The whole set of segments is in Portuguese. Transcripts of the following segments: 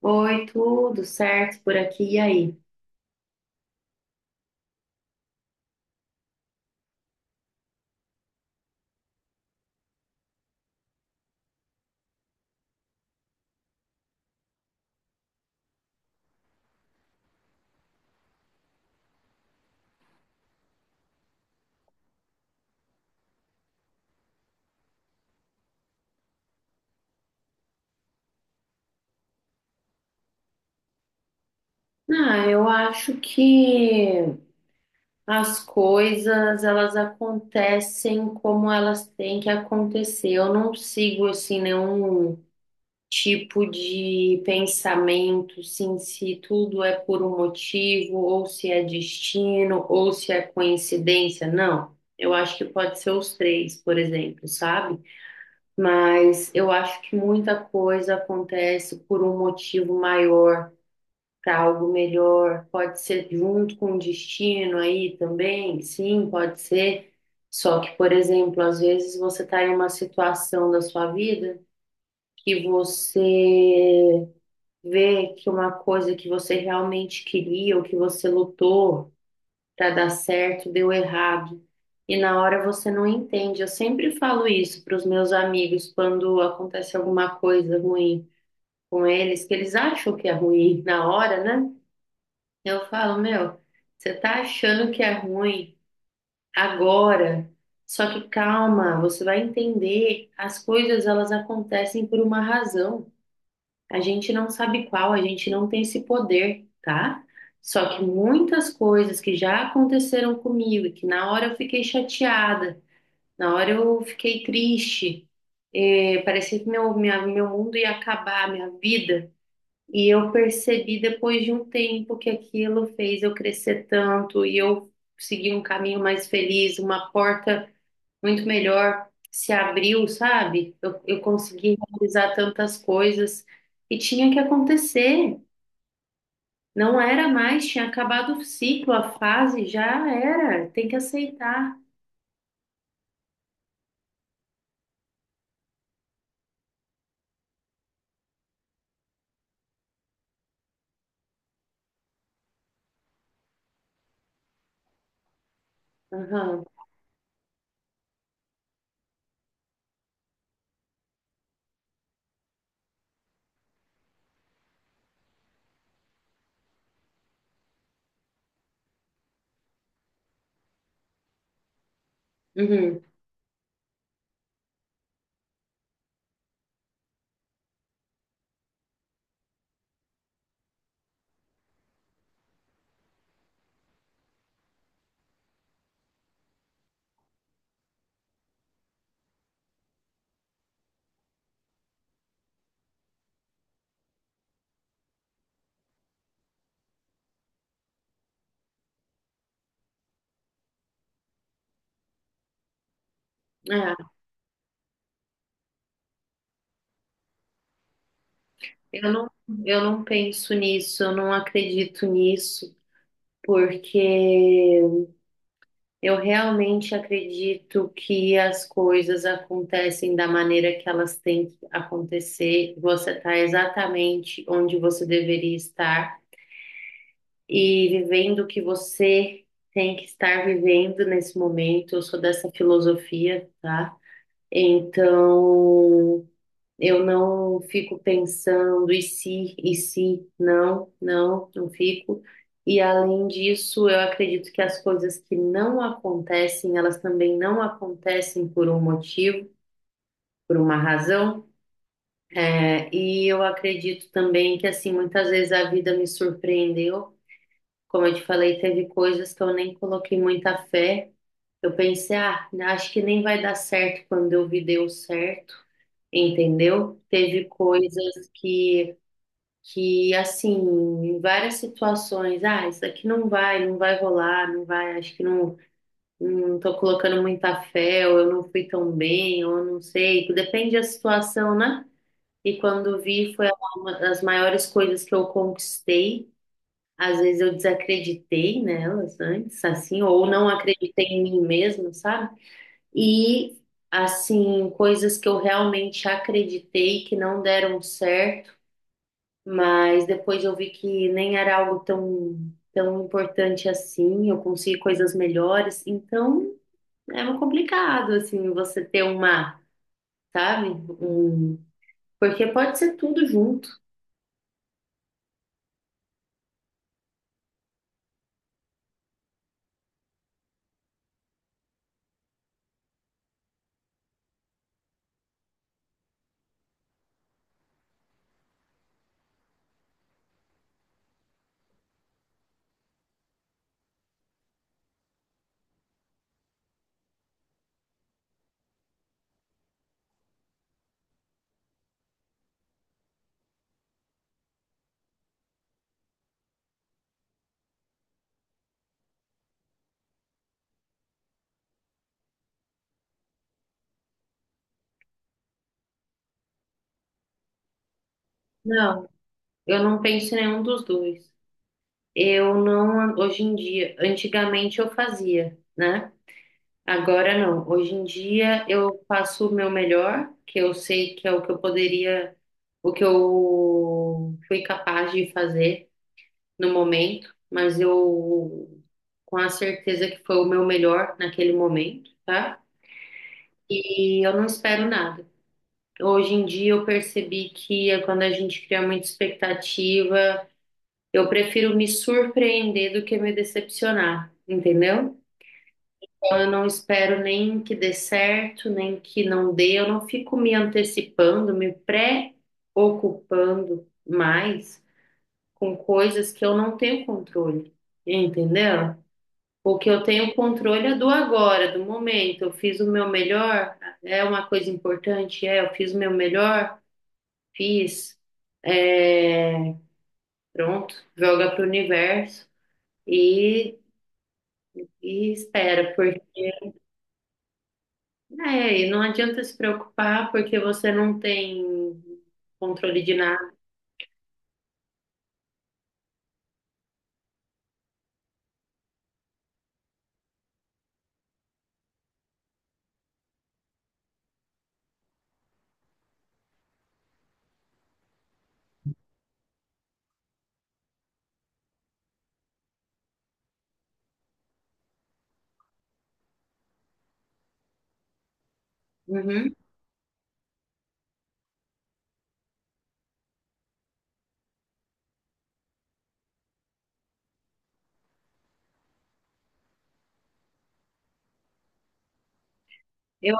Oi, tudo certo por aqui e aí? Ah, eu acho que as coisas elas acontecem como elas têm que acontecer. Eu não sigo assim nenhum tipo de pensamento, sim, se tudo é por um motivo ou se é destino ou se é coincidência. Não. Eu acho que pode ser os três, por exemplo, sabe? Mas eu acho que muita coisa acontece por um motivo maior para algo melhor. Pode ser junto com o destino aí também, sim, pode ser. Só que, por exemplo, às vezes você está em uma situação da sua vida que você vê que uma coisa que você realmente queria ou que você lutou para dar certo deu errado. E na hora você não entende. Eu sempre falo isso para os meus amigos quando acontece alguma coisa ruim com eles, que eles acham que é ruim na hora, né? Eu falo, meu, você tá achando que é ruim agora, só que calma, você vai entender, as coisas elas acontecem por uma razão. A gente não sabe qual, a gente não tem esse poder, tá? Só que muitas coisas que já aconteceram comigo, e que na hora eu fiquei chateada, na hora eu fiquei triste, parecia que meu mundo ia acabar, minha vida. E eu percebi depois de um tempo que aquilo fez eu crescer tanto e eu segui um caminho mais feliz, uma porta muito melhor se abriu, sabe? Eu consegui realizar tantas coisas e tinha que acontecer. Não era mais, tinha acabado o ciclo, a fase já era, tem que aceitar. Aham, uhum. É, eu não, eu não penso nisso, eu não acredito nisso, porque eu realmente acredito que as coisas acontecem da maneira que elas têm que acontecer. Você está exatamente onde você deveria estar e vivendo o que você tem que estar vivendo nesse momento. Eu sou dessa filosofia, tá? Então, eu não fico pensando, e se, não, não, não fico. E além disso, eu acredito que as coisas que não acontecem, elas também não acontecem por um motivo, por uma razão. É, e eu acredito também que, assim, muitas vezes a vida me surpreendeu. Como eu te falei, teve coisas que eu nem coloquei muita fé. Eu pensei, ah, acho que nem vai dar certo quando eu vi deu certo, entendeu? Teve coisas que. Que assim, em várias situações, ah, isso aqui não vai, não vai rolar, não vai, acho que não, não tô colocando muita fé, ou eu não fui tão bem, ou eu não sei, que depende da situação, né? E quando vi, foi uma das maiores coisas que eu conquistei. Às vezes eu desacreditei nelas antes, assim, ou não acreditei em mim mesmo, sabe? E, assim, coisas que eu realmente acreditei que não deram certo mas depois eu vi que nem era algo tão, tão importante assim, eu consegui coisas melhores. Então é meio complicado, assim, você ter uma, sabe? Um... Porque pode ser tudo junto. Não, eu não penso em nenhum dos dois. Eu não, hoje em dia, antigamente eu fazia, né? Agora não. Hoje em dia eu faço o meu melhor, que eu sei que é o que eu poderia, o que eu fui capaz de fazer no momento, mas eu com a certeza que foi o meu melhor naquele momento, tá? E eu não espero nada. Hoje em dia eu percebi que quando a gente cria muita expectativa, eu prefiro me surpreender do que me decepcionar, entendeu? Então eu não espero nem que dê certo, nem que não dê, eu não fico me antecipando, me pré-ocupando mais com coisas que eu não tenho controle, entendeu? O que eu tenho controle é do agora, do momento. Eu fiz o meu melhor, é uma coisa importante, é, eu fiz o meu melhor, fiz, é, pronto, joga para o universo e, e espera, porque é, e não adianta se preocupar porque você não tem controle de nada. Uhum. Eu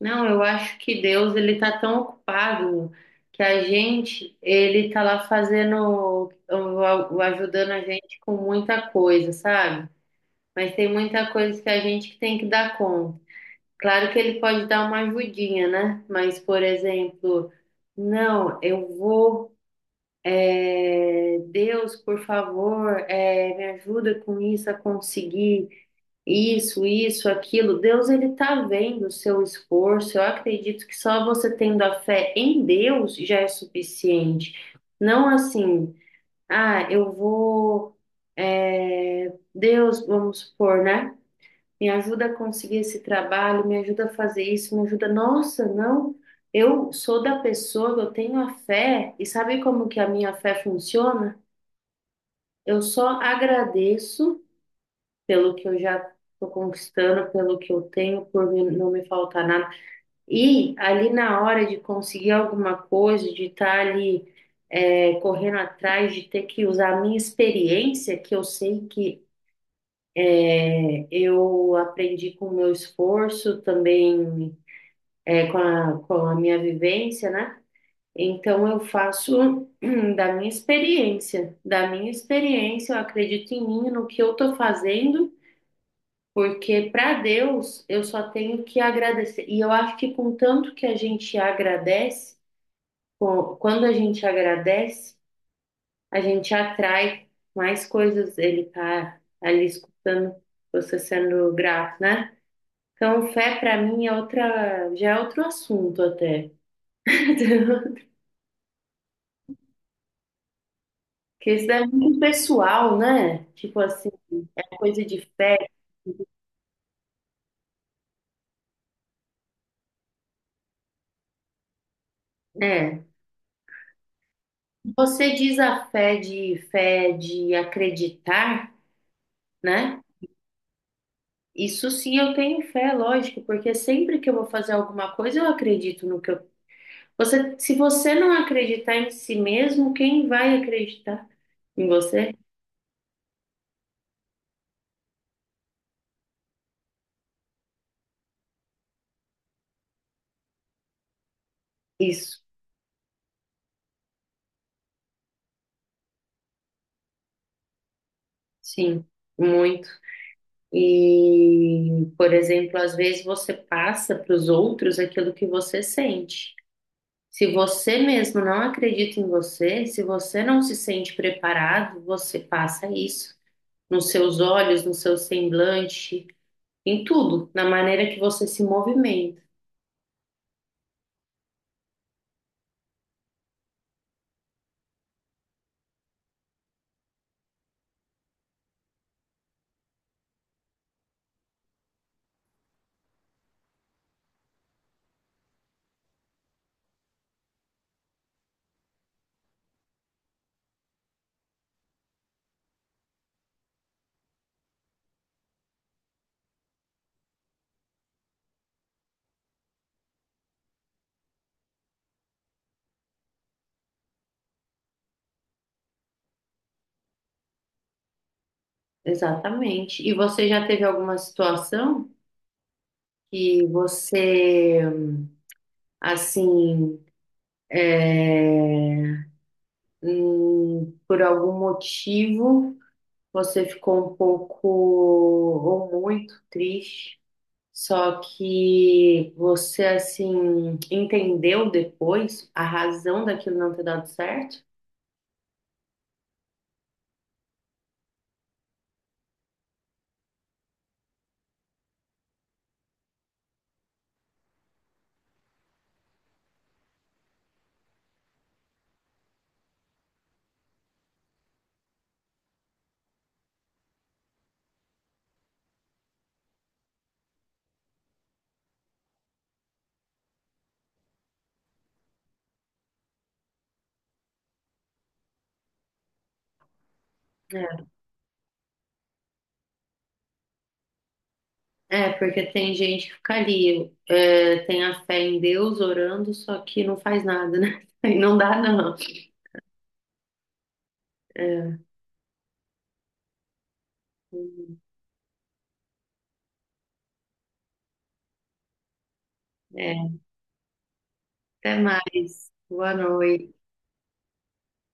Não, eu acho que Deus ele tá tão ocupado que a gente ele tá lá fazendo, ajudando a gente com muita coisa, sabe? Mas tem muita coisa que a gente que tem que dar conta. Claro que ele pode dar uma ajudinha, né? Mas, por exemplo, não, eu vou, é, Deus, por favor, é, me ajuda com isso a conseguir. Isso, aquilo. Deus, ele tá vendo o seu esforço. Eu acredito que só você tendo a fé em Deus já é suficiente. Não assim, ah, eu vou, é, Deus, vamos supor, né? Me ajuda a conseguir esse trabalho, me ajuda a fazer isso, me ajuda. Nossa, não. Eu sou da pessoa, que eu tenho a fé. E sabe como que a minha fé funciona? Eu só agradeço pelo que eu já estou conquistando, pelo que eu tenho, por mim não me faltar nada. E ali na hora de conseguir alguma coisa, de estar ali é, correndo atrás, de ter que usar a minha experiência, que eu sei que eu aprendi com o meu esforço, também é, com a minha vivência, né? Então eu faço da minha experiência, eu acredito em mim, no que eu estou fazendo. Porque para Deus eu só tenho que agradecer. E eu acho que com tanto que a gente agradece, quando a gente agradece, a gente atrai mais coisas. Ele tá ali escutando você sendo grato, né? Então, fé para mim é outra, já é outro assunto até. Porque isso é muito pessoal, né? Tipo assim, é coisa de fé, né? Você diz a fé de acreditar, né? Isso sim, eu tenho fé, lógico, porque sempre que eu vou fazer alguma coisa, eu acredito no que eu. Você, se você não acreditar em si mesmo, quem vai acreditar em você? Isso, sim, muito. E, por exemplo, às vezes você passa para os outros aquilo que você sente. Se você mesmo não acredita em você, se você não se sente preparado, você passa isso nos seus olhos, no seu semblante. Em tudo, na maneira que você se movimenta. Exatamente. E você já teve alguma situação que você, assim, é, por algum motivo, você ficou um pouco ou muito triste, só que você, assim, entendeu depois a razão daquilo não ter dado certo? É. É, porque tem gente que fica ali, é, tem a fé em Deus orando, só que não faz nada, né? Aí não dá, não. É, é, até mais. Boa noite.